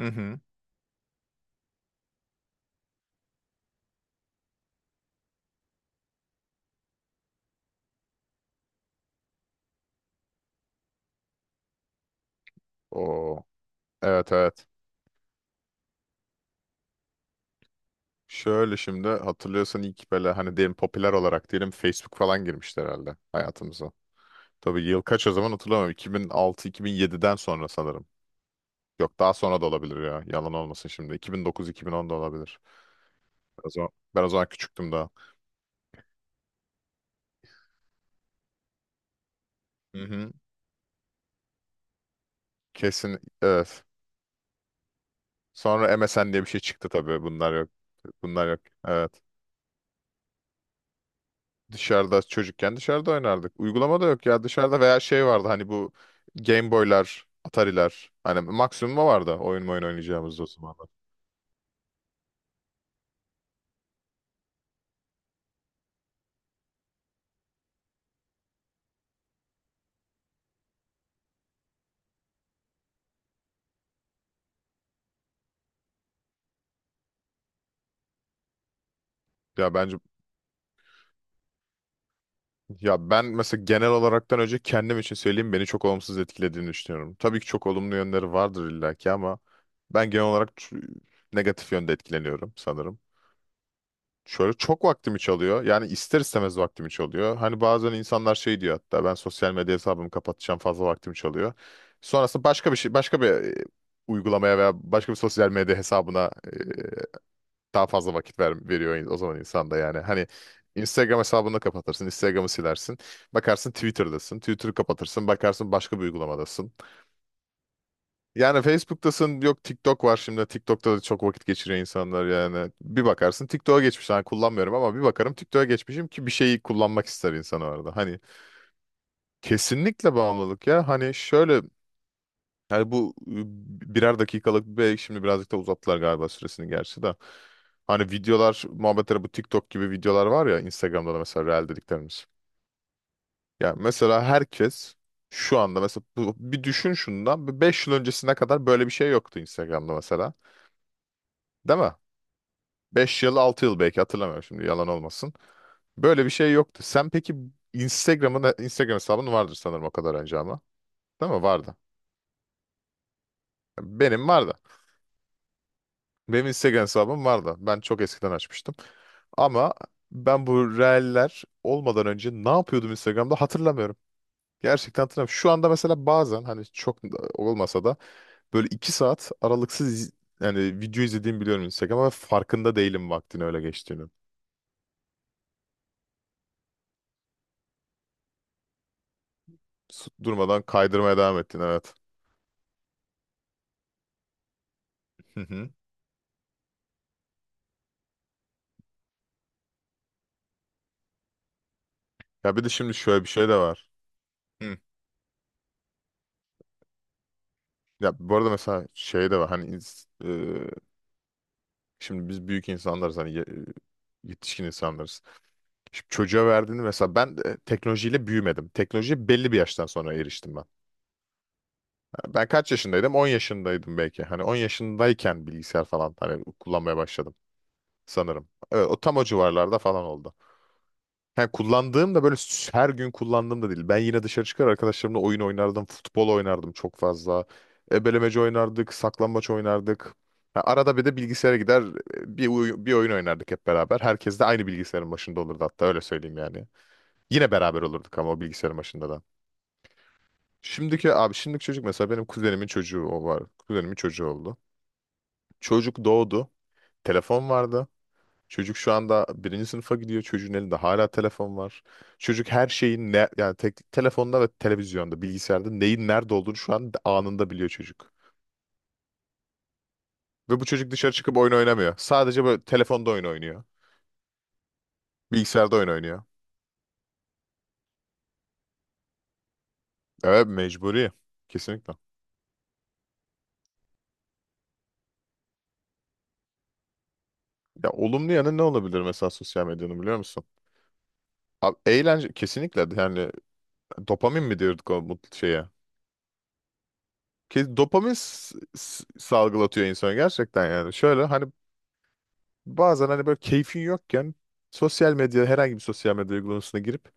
Hı hı. O, evet evet. Şöyle şimdi hatırlıyorsan ilk böyle hani diyelim popüler olarak diyelim Facebook falan girmişti herhalde hayatımıza. Tabii yıl kaç o zaman hatırlamıyorum. 2006-2007'den sonra sanırım. Yok daha sonra da olabilir ya. Yalan olmasın şimdi. 2009-2010 da olabilir. Ben o zaman küçüktüm daha. Hı hı. Kesin evet. Sonra MSN diye bir şey çıktı tabii. Bunlar yok. Bunlar yok. Evet. Dışarıda çocukken dışarıda oynardık. Uygulama da yok ya dışarıda veya şey vardı hani bu Game Boy'lar, Atari'ler. Hani maksimum o vardı oyun oynayacağımız o zamanlar. Ya bence ya ben mesela genel olaraktan önce kendim için söyleyeyim beni çok olumsuz etkilediğini düşünüyorum. Tabii ki çok olumlu yönleri vardır illaki ama ben genel olarak negatif yönde etkileniyorum sanırım. Şöyle çok vaktimi çalıyor. Yani ister istemez vaktimi çalıyor. Hani bazen insanlar şey diyor hatta ben sosyal medya hesabımı kapatacağım fazla vaktimi çalıyor. Sonrasında başka bir şey başka bir uygulamaya veya başka bir sosyal medya hesabına daha fazla vakit veriyor o zaman insan da yani. Hani Instagram hesabını kapatırsın, Instagram'ı silersin. Bakarsın Twitter'dasın. Twitter'ı kapatırsın, bakarsın başka bir uygulamadasın. Yani Facebook'tasın yok TikTok var şimdi. TikTok'ta da çok vakit geçiriyor insanlar yani. Bir bakarsın TikTok'a geçmiş. Hani kullanmıyorum ama bir bakarım TikTok'a geçmişim ki bir şeyi kullanmak ister insan orada. Hani kesinlikle bağımlılık ya. Hani şöyle yani bu birer dakikalık bir şimdi birazcık da uzattılar galiba süresini gerçi de. Hani videolar muhabbetleri bu TikTok gibi videolar var ya Instagram'da da mesela Reel dediklerimiz. Ya mesela herkes şu anda mesela bir düşün şundan 5 yıl öncesine kadar böyle bir şey yoktu Instagram'da mesela. Değil mi? 5 yıl 6 yıl belki hatırlamıyorum şimdi yalan olmasın. Böyle bir şey yoktu. Sen peki Instagram hesabın vardır sanırım o kadar önce ama. Değil mi? Vardı. Benim vardı. Benim Instagram hesabım vardı. Ben çok eskiden açmıştım. Ama ben bu reeller olmadan önce ne yapıyordum Instagram'da hatırlamıyorum. Gerçekten hatırlamıyorum. Şu anda mesela bazen hani çok da olmasa da böyle 2 saat aralıksız yani video izlediğimi biliyorum Instagram'a ve farkında değilim vaktin öyle geçtiğini. Durmadan kaydırmaya devam ettin evet. Ya bir de şimdi şöyle bir şey de var. Hı. Ya bu arada mesela şey de var hani e, şimdi biz büyük insanlarız hani yetişkin insanlarız. Şimdi çocuğa verdiğini mesela ben de teknolojiyle büyümedim. Teknolojiye belli bir yaştan sonra eriştim ben. Ha, ben kaç yaşındaydım? 10 yaşındaydım belki. Hani 10 yaşındayken bilgisayar falan hani kullanmaya başladım sanırım. Evet, o tam o civarlarda falan oldu. Ha, kullandığım da böyle her gün kullandığım da değil. Ben yine dışarı çıkar arkadaşlarımla oyun oynardım. Futbol oynardım çok fazla. Ebelemece oynardık. Saklambaç oynardık. Ha, arada bir de bilgisayara gider bir oyun oynardık hep beraber. Herkes de aynı bilgisayarın başında olurdu hatta öyle söyleyeyim yani. Yine beraber olurduk ama o bilgisayarın başında da. Şimdiki çocuk mesela benim kuzenimin çocuğu o var. Kuzenimin çocuğu oldu. Çocuk doğdu. Telefon vardı. Çocuk şu anda birinci sınıfa gidiyor. Çocuğun elinde hala telefon var. Çocuk her şeyin ne yani tek, telefonda ve televizyonda, bilgisayarda neyin nerede olduğunu şu an anında biliyor çocuk. Ve bu çocuk dışarı çıkıp oyun oynamıyor. Sadece böyle telefonda oyun oynuyor. Bilgisayarda oyun oynuyor. Evet mecburi. Kesinlikle. Ya olumlu yanı ne olabilir mesela sosyal medyanın biliyor musun? Abi, eğlence kesinlikle yani dopamin mi diyorduk o mutlu şeye? Ki dopamin salgılatıyor insana gerçekten yani. Şöyle hani bazen hani böyle keyfin yokken sosyal medya herhangi bir sosyal medya uygulamasına girip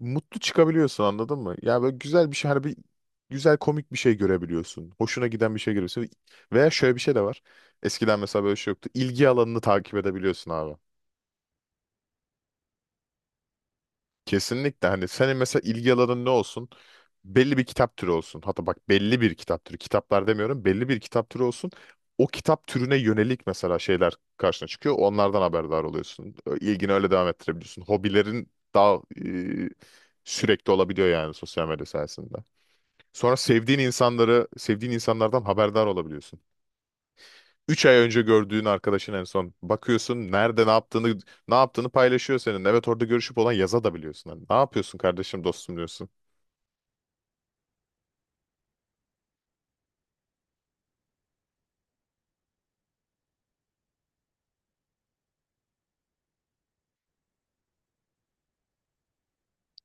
mutlu çıkabiliyorsun anladın mı? Ya böyle güzel bir şey hani bir güzel komik bir şey görebiliyorsun. Hoşuna giden bir şey görüyorsun. Veya şöyle bir şey de var. Eskiden mesela böyle şey yoktu. İlgi alanını takip edebiliyorsun abi. Kesinlikle hani senin mesela ilgi alanın ne olsun? Belli bir kitap türü olsun. Hatta bak belli bir kitap türü. Kitaplar demiyorum. Belli bir kitap türü olsun. O kitap türüne yönelik mesela şeyler karşına çıkıyor. Onlardan haberdar oluyorsun. İlgini öyle devam ettirebiliyorsun. Hobilerin daha e, sürekli olabiliyor yani sosyal medya sayesinde. Sonra sevdiğin insanlardan haberdar olabiliyorsun. 3 ay önce gördüğün arkadaşın en son bakıyorsun nerede ne yaptığını paylaşıyor senin. Evet orada görüşüp olan yaza da biliyorsun. Hani ne yapıyorsun kardeşim dostum diyorsun.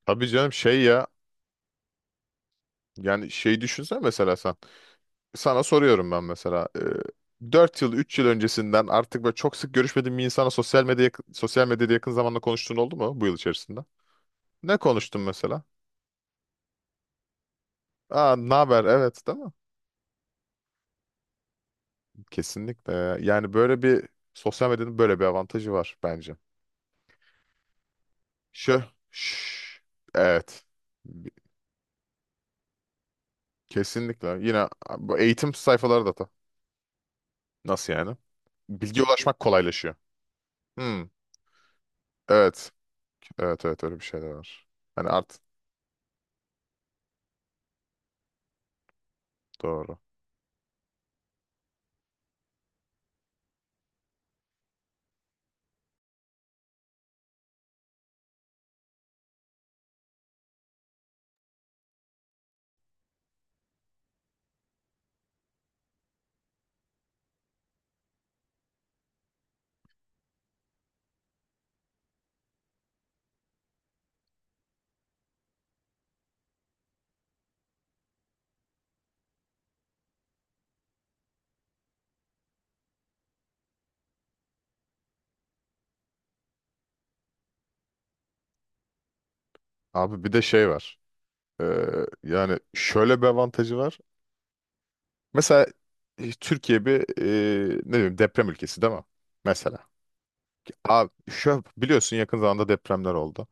Tabii canım şey ya yani şey düşünsen mesela sen. Sana soruyorum ben mesela. 4 yıl 3 yıl öncesinden artık böyle çok sık görüşmediğin bir insana sosyal medyada yakın zamanda konuştuğun oldu mu bu yıl içerisinde? Ne konuştun mesela? Aa, ne haber? Evet, değil mi? Kesinlikle. Yani böyle bir sosyal medyanın böyle bir avantajı var bence. Şu, şş, evet. Bi- Kesinlikle. Yine bu eğitim sayfaları da. Nasıl yani? Bilgi ulaşmak kolaylaşıyor. Hmm, evet. Evet evet öyle bir şey de var. Hani doğru. Abi bir de şey var. Ee, yani şöyle bir avantajı var. Mesela Türkiye bir ne diyeyim deprem ülkesi değil mi? Mesela. Abi şu biliyorsun yakın zamanda depremler oldu.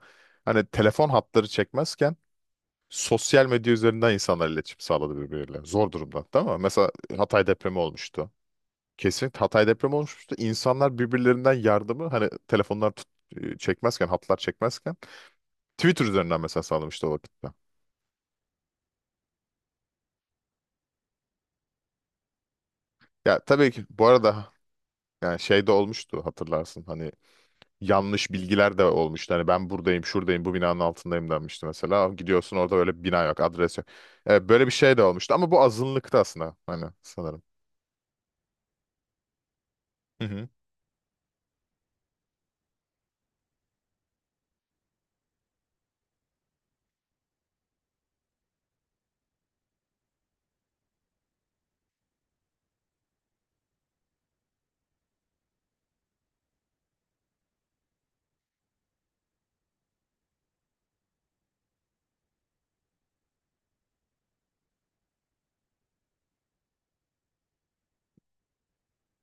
Hani telefon hatları çekmezken sosyal medya üzerinden insanlar iletişim sağladı birbirleriyle. Zor durumda değil mi? Mesela Hatay depremi olmuştu. Kesinlikle Hatay depremi olmuştu. İnsanlar birbirlerinden yardımı hani telefonlar çekmezken, hatlar çekmezken Twitter üzerinden mesela sağlamıştı o vakitte. Ya tabii ki bu arada yani şey de olmuştu hatırlarsın hani yanlış bilgiler de olmuştu. Hani ben buradayım, şuradayım, bu binanın altındayım denmişti mesela. Gidiyorsun orada öyle bir bina yok, adres yok. Evet, böyle bir şey de olmuştu ama bu azınlıktı aslında hani sanırım. Hı hı.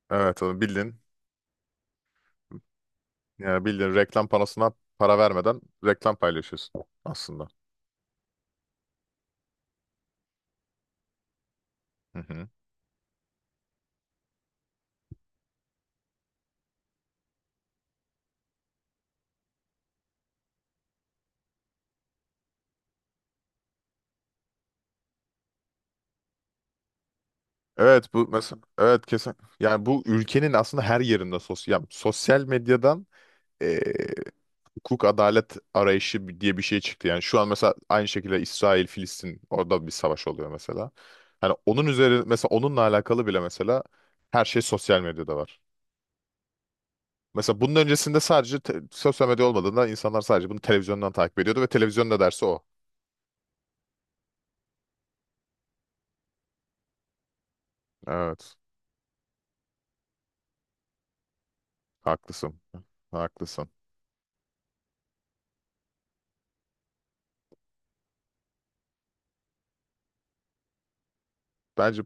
Evet onu bildin. Yani bildiğin reklam panosuna para vermeden reklam paylaşıyorsun aslında. Hı hı. Evet bu mesela evet kesin yani bu ülkenin aslında her yerinde sosyal medyadan eee, hukuk adalet arayışı diye bir şey çıktı. Yani şu an mesela aynı şekilde İsrail Filistin orada bir savaş oluyor mesela. Hani onunla alakalı bile mesela her şey sosyal medyada var. Mesela bunun öncesinde sadece sosyal medya olmadığında insanlar sadece bunu televizyondan takip ediyordu ve televizyonda dersi o. Evet. Haklısın. Haklısın. Bence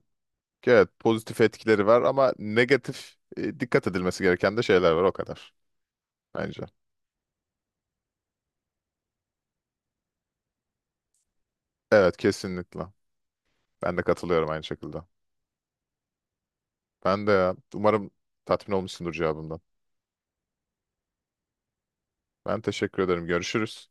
evet pozitif etkileri var ama negatif dikkat edilmesi gereken de şeyler var o kadar bence. Evet kesinlikle. Ben de katılıyorum aynı şekilde. Ben de ya. Umarım tatmin olmuşsundur cevabımdan. Ben teşekkür ederim. Görüşürüz.